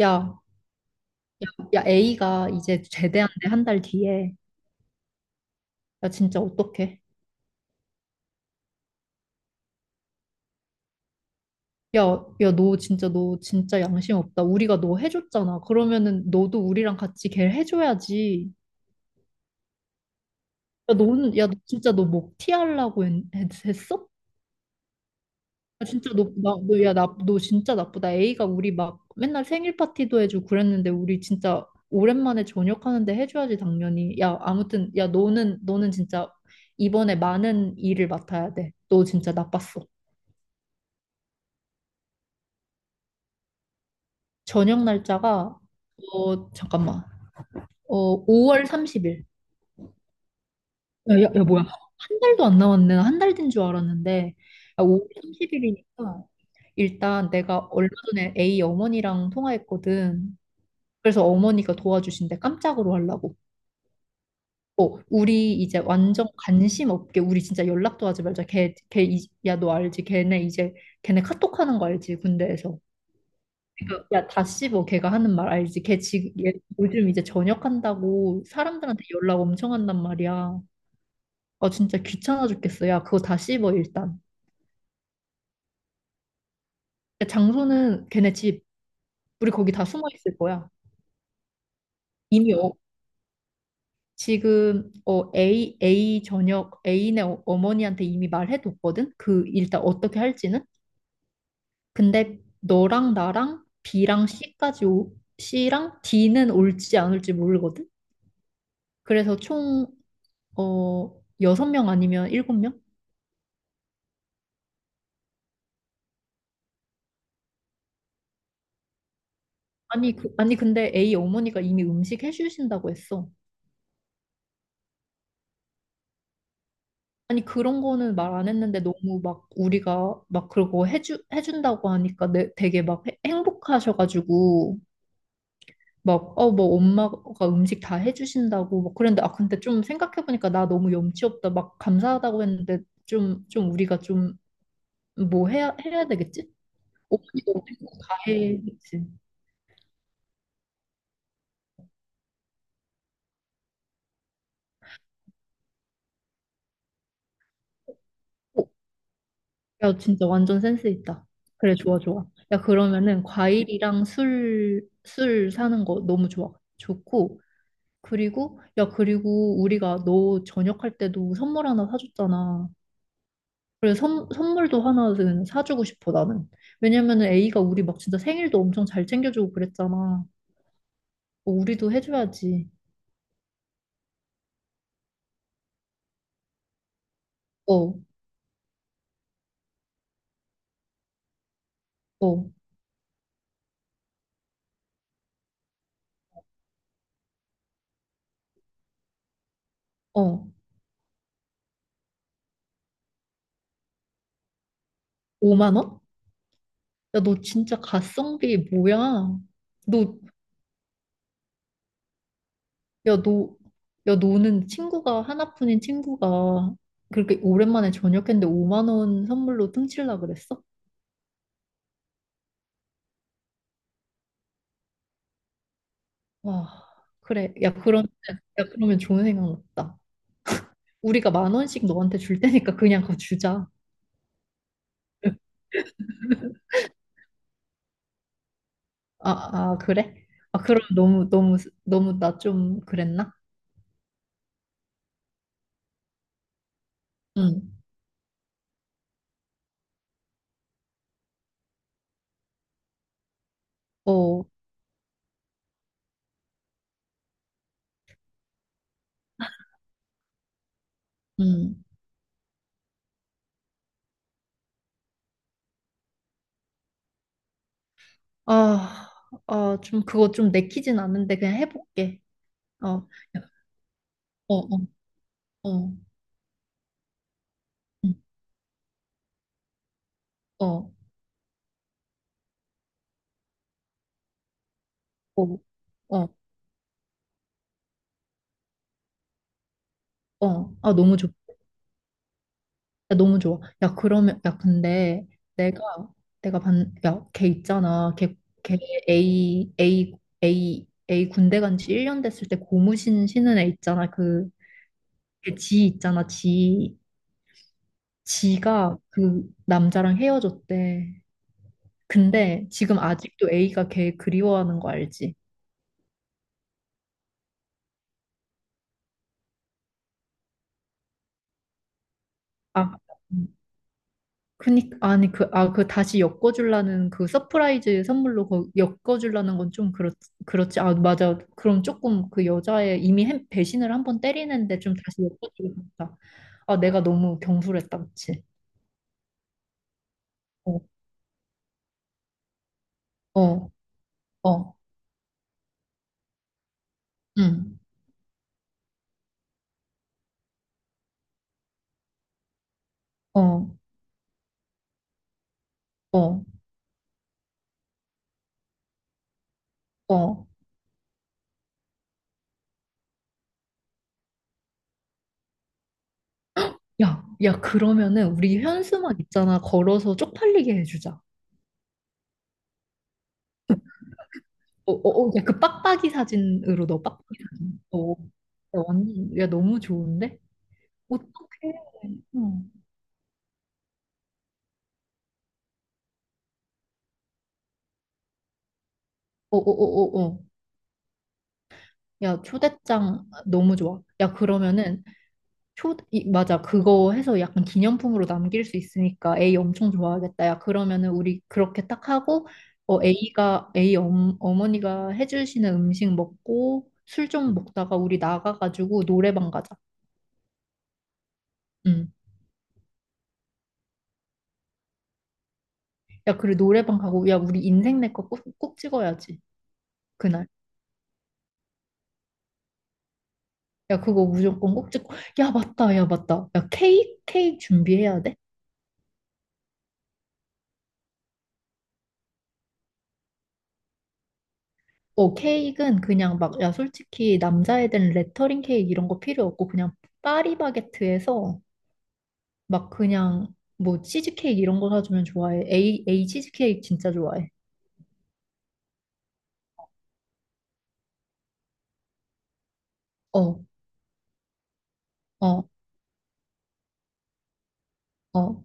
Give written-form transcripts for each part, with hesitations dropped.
야, 야, A가 이제 제대한대 한 달 뒤에. 야, 진짜 어떡해? 야, 야, 너 진짜, 너 진짜 양심 없다. 우리가 너 해줬잖아. 그러면은 너도 우리랑 같이 걔 해줘야지. 야, 너는, 야, 너 진짜 너 목 티하려고 했어? 야, 진짜 너, 나, 너, 야, 나, 너 진짜 나쁘다. A가 우리 막 맨날 생일 파티도 해주고 그랬는데 우리 진짜 오랜만에 저녁하는데 해줘야지, 당연히. 야, 아무튼, 야, 너는 진짜 이번에 많은 일을 맡아야 돼. 너 진짜 나빴어. 저녁 날짜가, 잠깐만. 5월 30일. 야, 뭐야? 한 달도 안 남았네. 한 달 된 줄 알았는데. 아, 5월 30일이니까 일단 내가 얼마 전에 A 어머니랑 통화했거든. 그래서 어머니가 도와주신대, 깜짝으로 하려고. 우리 이제 완전 관심 없게 우리 진짜 연락도 하지 말자. 야, 너 알지? 걔네 이제 걔네 카톡 하는 거 알지? 군대에서. 그러니까 야, 다 씹어. 걔가 하는 말 알지? 걔 지금 얘 요즘 이제 전역한다고 사람들한테 연락 엄청 한단 말이야. 아, 진짜 귀찮아 죽겠어. 야, 그거 다 씹어 일단. 야, 장소는 걔네 집. 우리 거기 다 숨어 있을 거야. 이미, 지금 A A 전역 A네, 어머니한테 이미 말해뒀거든. 그 일단 어떻게 할지는. 근데 너랑 나랑 B랑 C까지, 오, C랑 D는 올지 안 올지 모르거든. 그래서 총, 어, 여섯 명 아니면 일곱 명? 아니, 그, 아니, 근데 A 어머니가 이미 음식 해주신다고 했어. 아니, 그런 거는 말 안 했는데 너무 막 우리가 막 그러고 해준다고 하니까 되게 막 행복하셔가지고 막, 뭐 엄마가 음식 다 해주신다고 막 그랬는데, 아, 근데 좀 생각해보니까 나 너무 염치 없다. 막 감사하다고 했는데 좀, 우리가 좀 뭐 해야 되겠지? 어머니도 우리 거다 해겠지. 야, 진짜 완전 센스 있다. 그래, 좋아, 좋아. 야, 그러면은 과일이랑 술 사는 거 너무 좋아. 좋고. 그리고, 야, 그리고 우리가 너 저녁할 때도 선물 하나 사줬잖아. 그래, 선물도 하나는 사주고 싶어, 나는. 왜냐면은 A가 우리 막 진짜 생일도 엄청 잘 챙겨주고 그랬잖아. 어, 우리도 해줘야지. 어, 어, 어. 5만 원? 야, 너 진짜 가성비 뭐야? 너, 야, 너, 야, 너는 친구가, 하나뿐인 친구가 그렇게 오랜만에 저녁했는데 5만 원 선물로 뚱칠라 그랬어? 와, 그래. 야, 그러면, 야, 그러면 좋은 생각 났다. 우리가 만 원씩 너한테 줄 테니까 그냥 그거 주자. 아, 아, 그래? 아, 그럼 너무, 너무, 너무 나 좀 그랬나? 응, 어, 응. 아, 아, 좀 그거 좀 내키진 않은데 그냥 해볼게. 어, 어, 어, 어, 응, 어, 어, 어, 어. 아, 너무 좋다. 야, 너무 좋아. 야, 그러면, 야, 근데 내가, 내가 반, 야, 걔 있잖아. 걔, 걔 A, A, A, A 군대 간지 1년 됐을 때 고무신 신은 애 있잖아. 그, 걔지 있잖아. 지. 지가 그 남자랑 헤어졌대. 근데 지금 아직도 A가 걔 그리워하는 거 알지? 아, 음. 그니까 아니 그 아 그 다시 엮어주려는 그 서프라이즈 선물로 그 엮어주려는 건 좀 그렇. 그렇지. 아, 맞아. 그럼 조금 그 여자의 이미 배신을 한 번 때리는데 좀 다시 엮어주겠다. 아, 내가 너무 경솔했다, 그치? 어어어응어어어야야. 그러면은 우리 현수막 있잖아, 걸어서 쪽팔리게 해주자. 어어야그 빡빡이 사진으로 너 빡빡이 사진 어. 야, 완전, 야, 너무 좋은데. 어떡해. 응. 어어어어어. 야, 초대장 너무 좋아. 야, 그러면은 초 이, 맞아. 그거 해서 약간 기념품으로 남길 수 있으니까 A 엄청 좋아하겠다. 야, 그러면은 우리 그렇게 딱 하고 A가 A 엄, 어머니가 해주시는 음식 먹고 술 좀 먹다가 우리 나가가지고 노래방 가자. 응. 야, 그리고 노래방 가고 야, 우리 인생 내 거 꼭 꼭 찍어야지. 그날. 야, 그거 무조건 꼭 찍고. 야, 맞다. 야, 맞다. 야, 케이크 케이크 준비해야 돼. 어, 케이크는 그냥 막, 야, 솔직히 남자애들은 레터링 케이크 이런 거 필요 없고, 그냥 파리바게트에서 막 그냥 뭐 치즈케이크 이런 거 사주면 좋아해. 에이, 에이 치즈케이크 진짜 좋아해. 어, 어, 어, 어,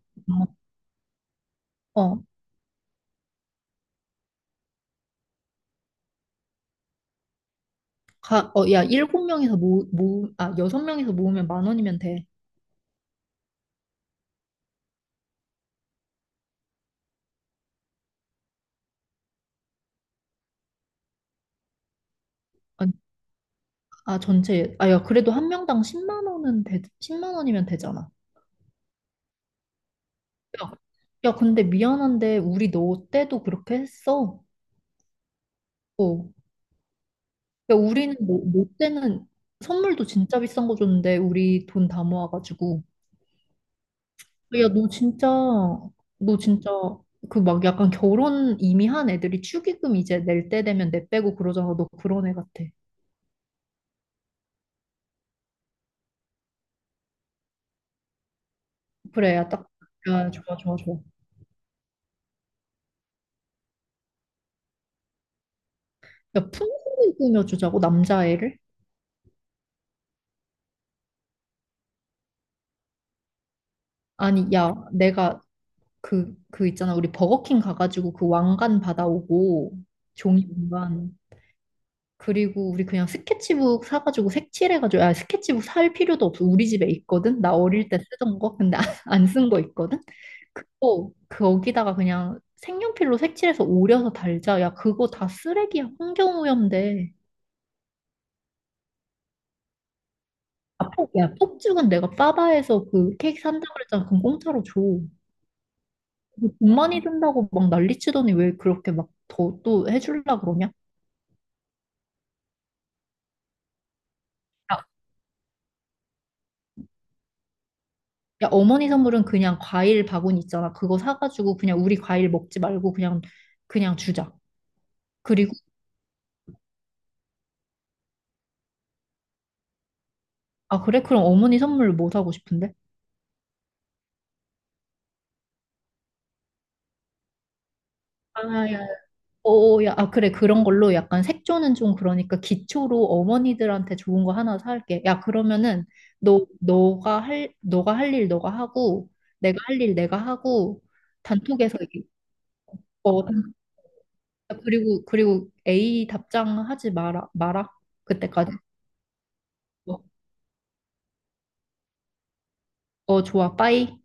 어. 어, 야, 일곱 명에서 아, 여섯 명에서 모으면 만 원이면 돼. 아, 아, 전체, 아, 야, 그래도 한 명당 십만 원은 십만 원이면 되잖아. 야, 야, 근데 미안한데, 우리 너 때도 그렇게 했어. 어, 그러니까 우리는 뭐 때는 선물도 진짜 비싼 거 줬는데 우리 돈 다 모아가지고. 야, 너 진짜, 너 진짜 그 막 약간 결혼 이미 한 애들이 축의금 이제 낼 때 되면 내 빼고 그러잖아. 너 그런 애 같아. 그래, 야, 딱. 야, 좋아, 좋아, 좋아. 야, 풍선을 꾸며주자고? 남자애를. 아니, 야, 내가 그 있잖아, 우리 버거킹 가가지고 그 왕관 받아오고. 종이 왕관. 그리고 우리 그냥 스케치북 사가지고 색칠해가지고, 아, 스케치북 살 필요도 없어. 우리 집에 있거든? 나 어릴 때 쓰던 거? 근데 안 쓴 거 있거든? 그거, 거기다가 그냥 색연필로 색칠해서 오려서 달자. 야, 그거 다 쓰레기야. 환경오염돼. 아, 야, 폭죽은 내가 빠바에서 그 케이크 산다고 그랬잖아. 그럼 공짜로 줘. 돈 많이 든다고 막 난리치더니 왜 그렇게 막 더 또 해주려고 그러냐? 야, 어머니 선물은 그냥 과일 바구니 있잖아. 그거 사가지고 그냥 우리 과일 먹지 말고 그냥, 주자. 그리고, 아, 그래? 그럼 어머니 선물 뭐 사고 싶은데? 아, 야, 어, 야, 아, 그래. 그런 걸로 약간 색조는 좀 그러니까 기초로 어머니들한테 좋은 거 하나 사올게. 야, 그러면은 너가 할 일 너가 하고, 내가 할 일 내가 하고, 단톡에서 이게, 어, 단- 그리고, A 답장 하지 마라, 마라. 그때까지. 어, 어, 좋아. 빠이.